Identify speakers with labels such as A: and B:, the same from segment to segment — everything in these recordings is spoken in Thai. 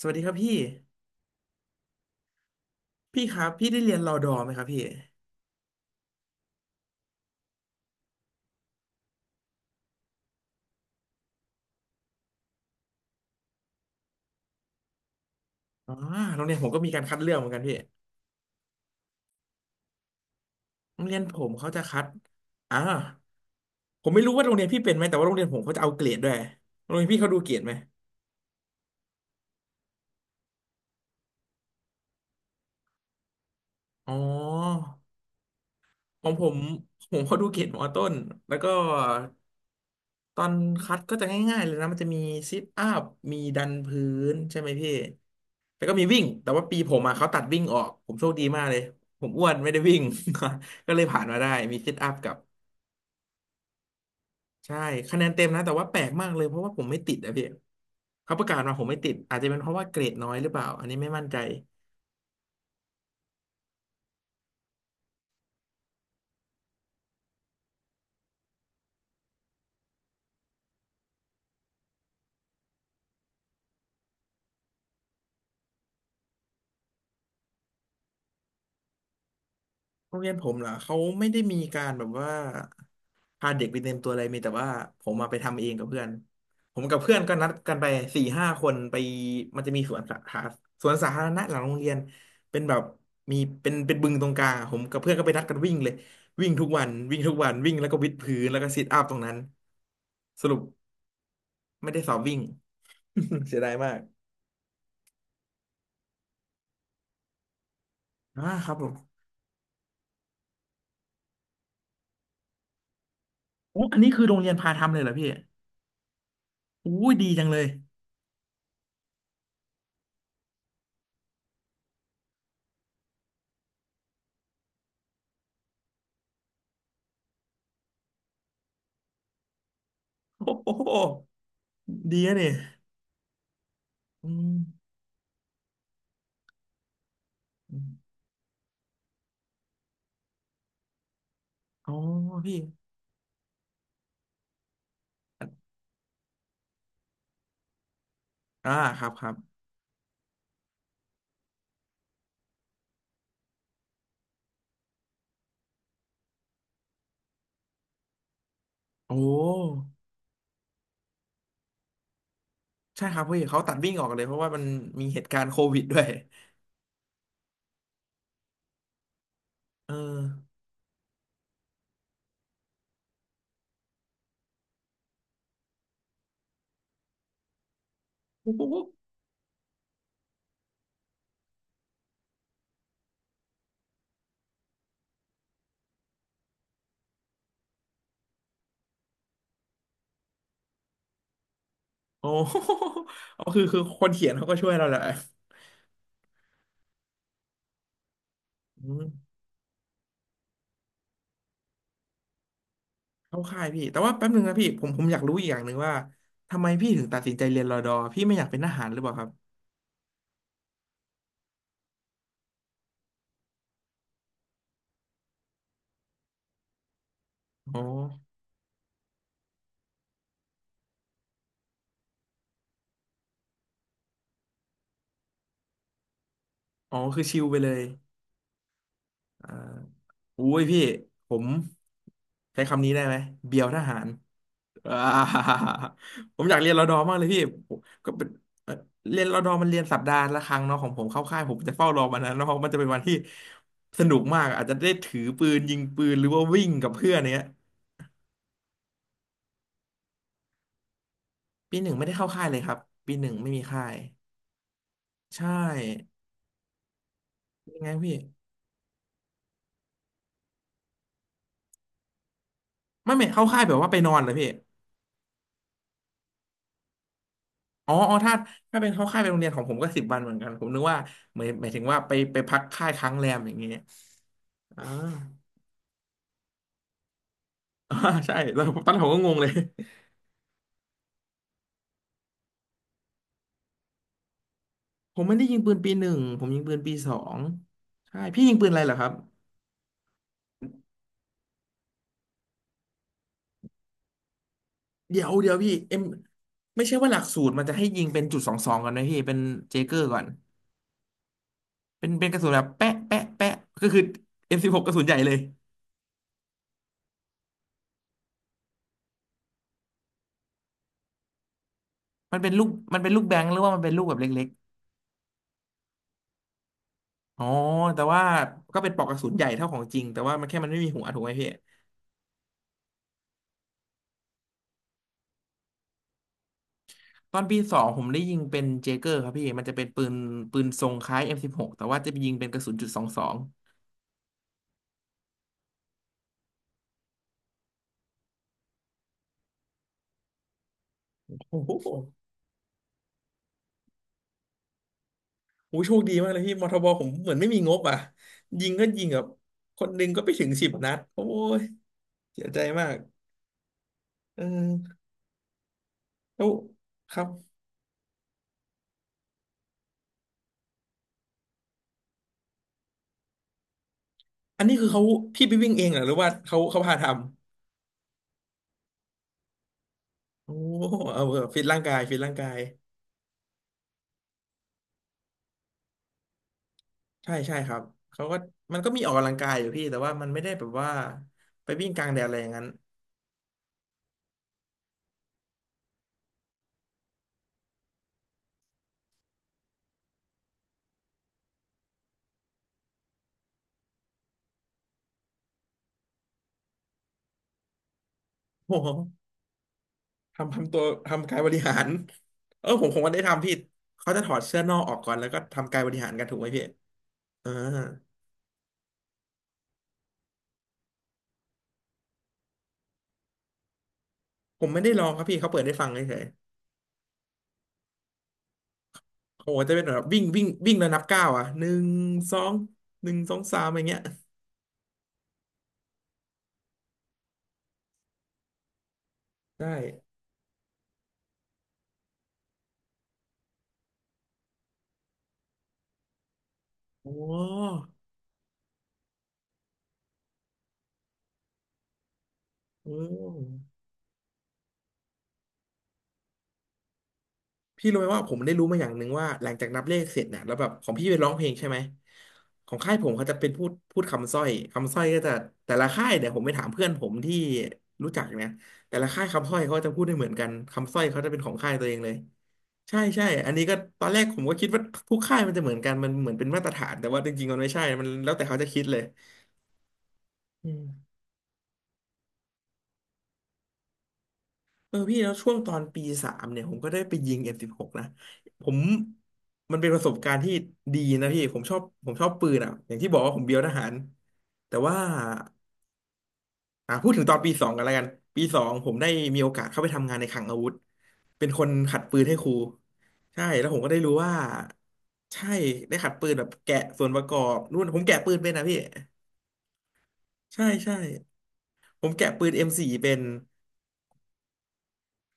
A: สวัสดีครับพี่พี่ครับพี่ได้เรียนรอดอไหมครับพี่อ๋อโรงเรียนผมก็มีการคัดเลือกเหมือนกันพี่โรงเรียนผมเขาจะคัดอ่าผมไม่รู้ว่าโรงเรียนพี่เป็นไหมแต่ว่าโรงเรียนผมเขาจะเอาเกรดด้วยโรงเรียนพี่เขาดูเกรดไหมอ๋อของผมเขาดูเกรดมอต้นแล้วก็ตอนคัดก็จะง่ายๆเลยนะมันจะมีซิทอัพมีดันพื้นใช่ไหมพี่แล้วก็มีวิ่งแต่ว่าปีผมอ่ะเขาตัดวิ่งออกผมโชคดีมากเลยผมอ้วนไม่ได้วิ่ง ก็เลยผ่านมาได้มีซิทอัพกับ ใช่คะแนนเต็มนะแต่ว่าแปลกมากเลยเพราะว่าผมไม่ติดอะพี่เขาประกาศมาผมไม่ติดอาจจะเป็นเพราะว่าเกรดน้อยหรือเปล่าอันนี้ไม่มั่นใจโรงเรียนผมเหรอเขาไม่ได้มีการแบบว่าพาเด็กไปเต็มตัวอะไรมีแต่ว่าผมมาไปทำเองกับเพื่อนผมกับเพื่อนก็นัดกันไปสี่ห้าคนไปมันจะมีสวนสาธารสวนสาธารณะหลังโรงเรียนเป็นแบบมีเป็นบึงตรงกลางอะผมกับเพื่อนก็ไปนัดกันวิ่งเลยวิ่งทุกวันวิ่งทุกวันวิ่งแล้วก็วิดพื้นแล้วก็ซิทอัพตรงนั้นสรุป ไม่ได้สอบวิ่ง เสียดายมากอ่าครับผมโอ้อันนี้คือโรงเรียนพาทำเลยเหรอพี่อู้ยดีจังเลย โอ้โหดีนะเนี่ยอืมอมอ๋อพี่อ่าครับครับโอ้ใช่ครับพี่เขาตัดวิ่งออกเลยเพราะว่ามันมีเหตุการณ์โควิดด้วยเออโอ้ โหโอ้โหอ๋อคือคือคนเขียนเขาก็ช่วยเราแหละอืมเข้าค่ายพี่แต่ว่าแป๊บนึงนะพี่ผมอยากรู้อีกอย่างหนึ่งว่าทำไมพี่ถึงตัดสินใจเรียนรอดอพี่ไม่อยากเป็นทหารหรือเปล่าครับอ๋อ อ๋อคือชิลไปเลยอ่าอุ้ยพี่ผมใช้คำนี้ได้ไหมเบียวทหารอ่า ผมอยากเรียนรอดอมากเลยพี่ผมก็เป็นเอ่อเรียนรอดอมันเรียนสัปดาห์ละครั้งเนาะของผมเข้าค่ายผมจะเฝ้ารอวันนั้นเนาะพราะมันจะเป็นวันที่สนุกมากอาจจะได้ถือปืนยิงปืนหรือว่าวิ่งกับเพื่อนเนี้ยปีหนึ่งไม่ได้เข้าค่ายเลยครับปีหนึ่งไม่มีค่ายใช่ยังไงพี่ไม่ไม่เข้าค่ายแบบว่าไปนอนเหรอพี่ อ๋ออ๋อถ้าเป็นเข้าค่ายเป็นโรงเรียนของผมก็สิบวันเหมือนกันผมนึกว่าหมายหมายถึงว่าไปไปพักค่ายค้างแรมอย่างเงี้ยอ่า อ่าใช่แล้วตอนนั้นผมก็งงเลย ผมไม่ได้ยิงปืนปีหนึ่งผมยิงปืนปีสองใช่พี่ยิงปืนอะไรเหรอครับเดี๋ยวเดี๋ยวพี่เอ็มไม่ใช่ว่าหลักสูตรมันจะให้ยิงเป็นจุดสองสองก่อนนะพี่ เป็นเจเกอร์ก่อนเป็นกระสุนแบบแปะแปะแปะก็คือเอ็มสิบหกกระสุนใหญ่เลย มันเป็นลูกมันเป็นลูกแบงค์หรือว่ามันเป็นลูกแบบเล็ก อ๋อ แต่ว่าก็เป็นปลอกกระสุนใหญ่เท่าของจริง แต่ว่ามันแค่มันไม่มีหัวถูกไหมพี่ตอนปีสองผมได้ยิงเป็นเจเกอร์ครับพี่ มันจะเป็นปืนทรงคล้าย M16 แต่ว่าจะไปยิงเป็นกระสุนจุดสองสองโอ้โหโอ้โห โชคดีมากเลยพี่มทบผมเหมือนไม่มีงบอ่ะยิงก็ยิงแบบคนหนึ่งก็ไปถึงสิบนัด โอ้ยเสียใจมากเออแล้วครับอันนี้คือเขาพี่ไปวิ่งเองเหรอหรือว่าเขาพาทำโอ้โหเอาเออฟิตร่างกายฟิตร่างกาย ใช่ใช่ครับเขาก็มันก็มีออกกำลังกายอยู่พี่แต่ว่ามันไม่ได้แบบว่าไปวิ่งกลางแดดอะไรอย่างนั้น โอ้โหทำตัวทำกายบริหารเออผมคงไม่ได้ทำพี่เขาจะถอดเสื้อนอกออกก่อนแล้วก็ทำกายบริหารกันถูกไหมพี่อ่าผมไม่ได้ลองครับพี่เขาเปิดให้ฟังเฉยๆโอ้โหจะเป็นแบบวิ่งวิ่งวิ่งแล้วนับก้าวอ่ะหนึ่งสองหนึ่งสองสามอย่างเงี้ยได้โอ้โห พี่รู้ไหมว่าผมได้รู้มาอย่างหนึ่งว่าหลังจากนับเลขเสร็จเนี่ยแล้วแบบของพี่ไปร้องเพลงใช่ไหมของค่ายผมเขาจะเป็นพูดคำสร้อยก็จะแต่ละค่ายเนี่ยผมไปถามเพื่อนผมที่รู้จักเนี่ยแต่ละค่ายคำสร้อยเขาจะพูดได้เหมือนกันคำสร้อยเขาจะเป็นของค่ายตัวเองเลยใช่ใช่อันนี้ก็ตอนแรกผมก็คิดว่าทุกค่ายมันจะเหมือนกันมันเหมือนเป็นมาตรฐานแต่ว่าจริงๆมันไม่ใช่มันแล้วแต่เขาจะคิดเลยอืม เออพี่แล้วช่วงตอนปีสามเนี่ยผมก็ได้ไปยิงM16นะผมมันเป็นประสบการณ์ที่ดีนะพี่ผมชอบผมชอบปืนอ่ะอย่างที่บอกว่าผมเบียวทหารแต่ว่าพูดถึงตอนปีสองกันแล้วกันปีสองผมได้มีโอกาสเข้าไปทำงานในคลังอาวุธเป็นคนขัดปืนให้ครูใช่แล้วผมก็ได้รู้ว่าใช่ได้ขัดปืนแบบแกะส่วนประกอบนู่นผมแกะปืนเป็นนะพี่ใช่ใช่ผมแกะปืน M4 เป็น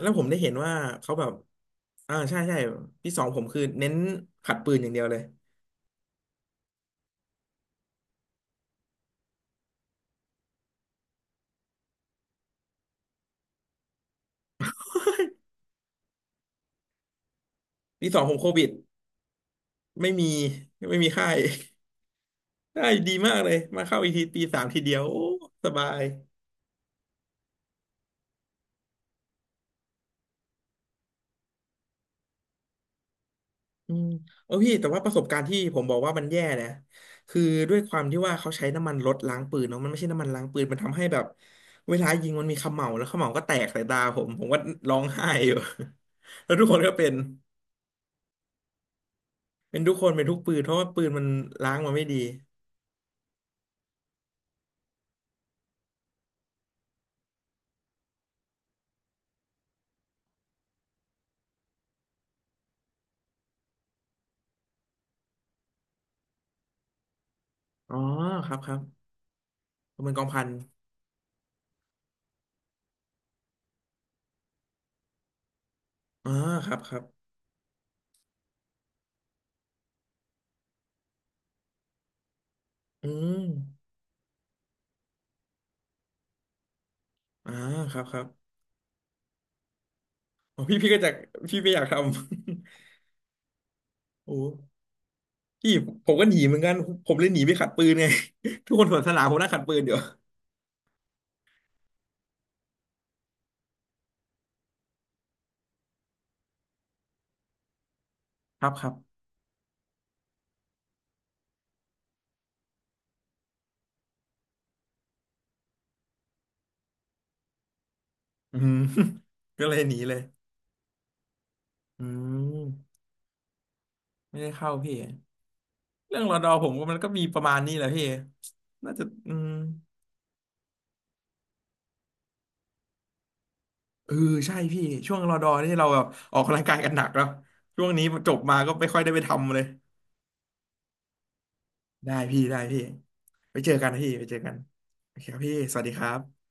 A: แล้วผมได้เห็นว่าเขาแบบใช่ใช่ปีสองผมคือเน้นขัดปืนอย่างเดียวเลยปีสองผมโควิดไม่มีไม่มีค่าย ได้ดีมากเลยมาเข้าอีกทีปีสามทีเดียวโอ้สบายอืมเออพี่แต่ว่าประสบการณ์ที่ผมบอกว่ามันแย่นะคือด้วยความที่ว่าเขาใช้น้ำมันรถล้างปืนเนาะมันไม่ใช่น้ำมันล้างปืนมันทำให้แบบเวลายิงมันมีเขม่าแล้วเขม่าก็แตกใส่ตาผมผมก็ร้องไห้อยู่ แล้วทุกคนก็เป็นเป็นทุกคนเป็นทุกปืนเพราะว่าปืนมันล้างมาไม่ดี อ๋อครับครับประเมินกองพันอ๋อครับครับอืมอ่าครับครับอ๋อพี่ก็จะพี่ไม่อยากทำ โอ้พี่ผมก็หนีเหมือนกันผมเลยหนีไปขัดปืนไง ทุกคนสวนสนามผมนั่งขัดปืนอยู่ครับครับอืม ก็เลยหนีเลยอืมไม่ได้เข้าพี่เรื่องรอดอผมว่ามันก็มีประมาณนี้แหละพี่น่าจะอืมเออใช่พี่ช่วงรอดอนี่เราแบบออกกำลังกายกันหนักแล้วช่วงนี้จบมาก็ไม่ค่อยได้ไปทำเลย ได้พี่ได้พี่ไปเจอกันนะพี่ไปเจอกันโอเคครับพี่สวัสดีครับ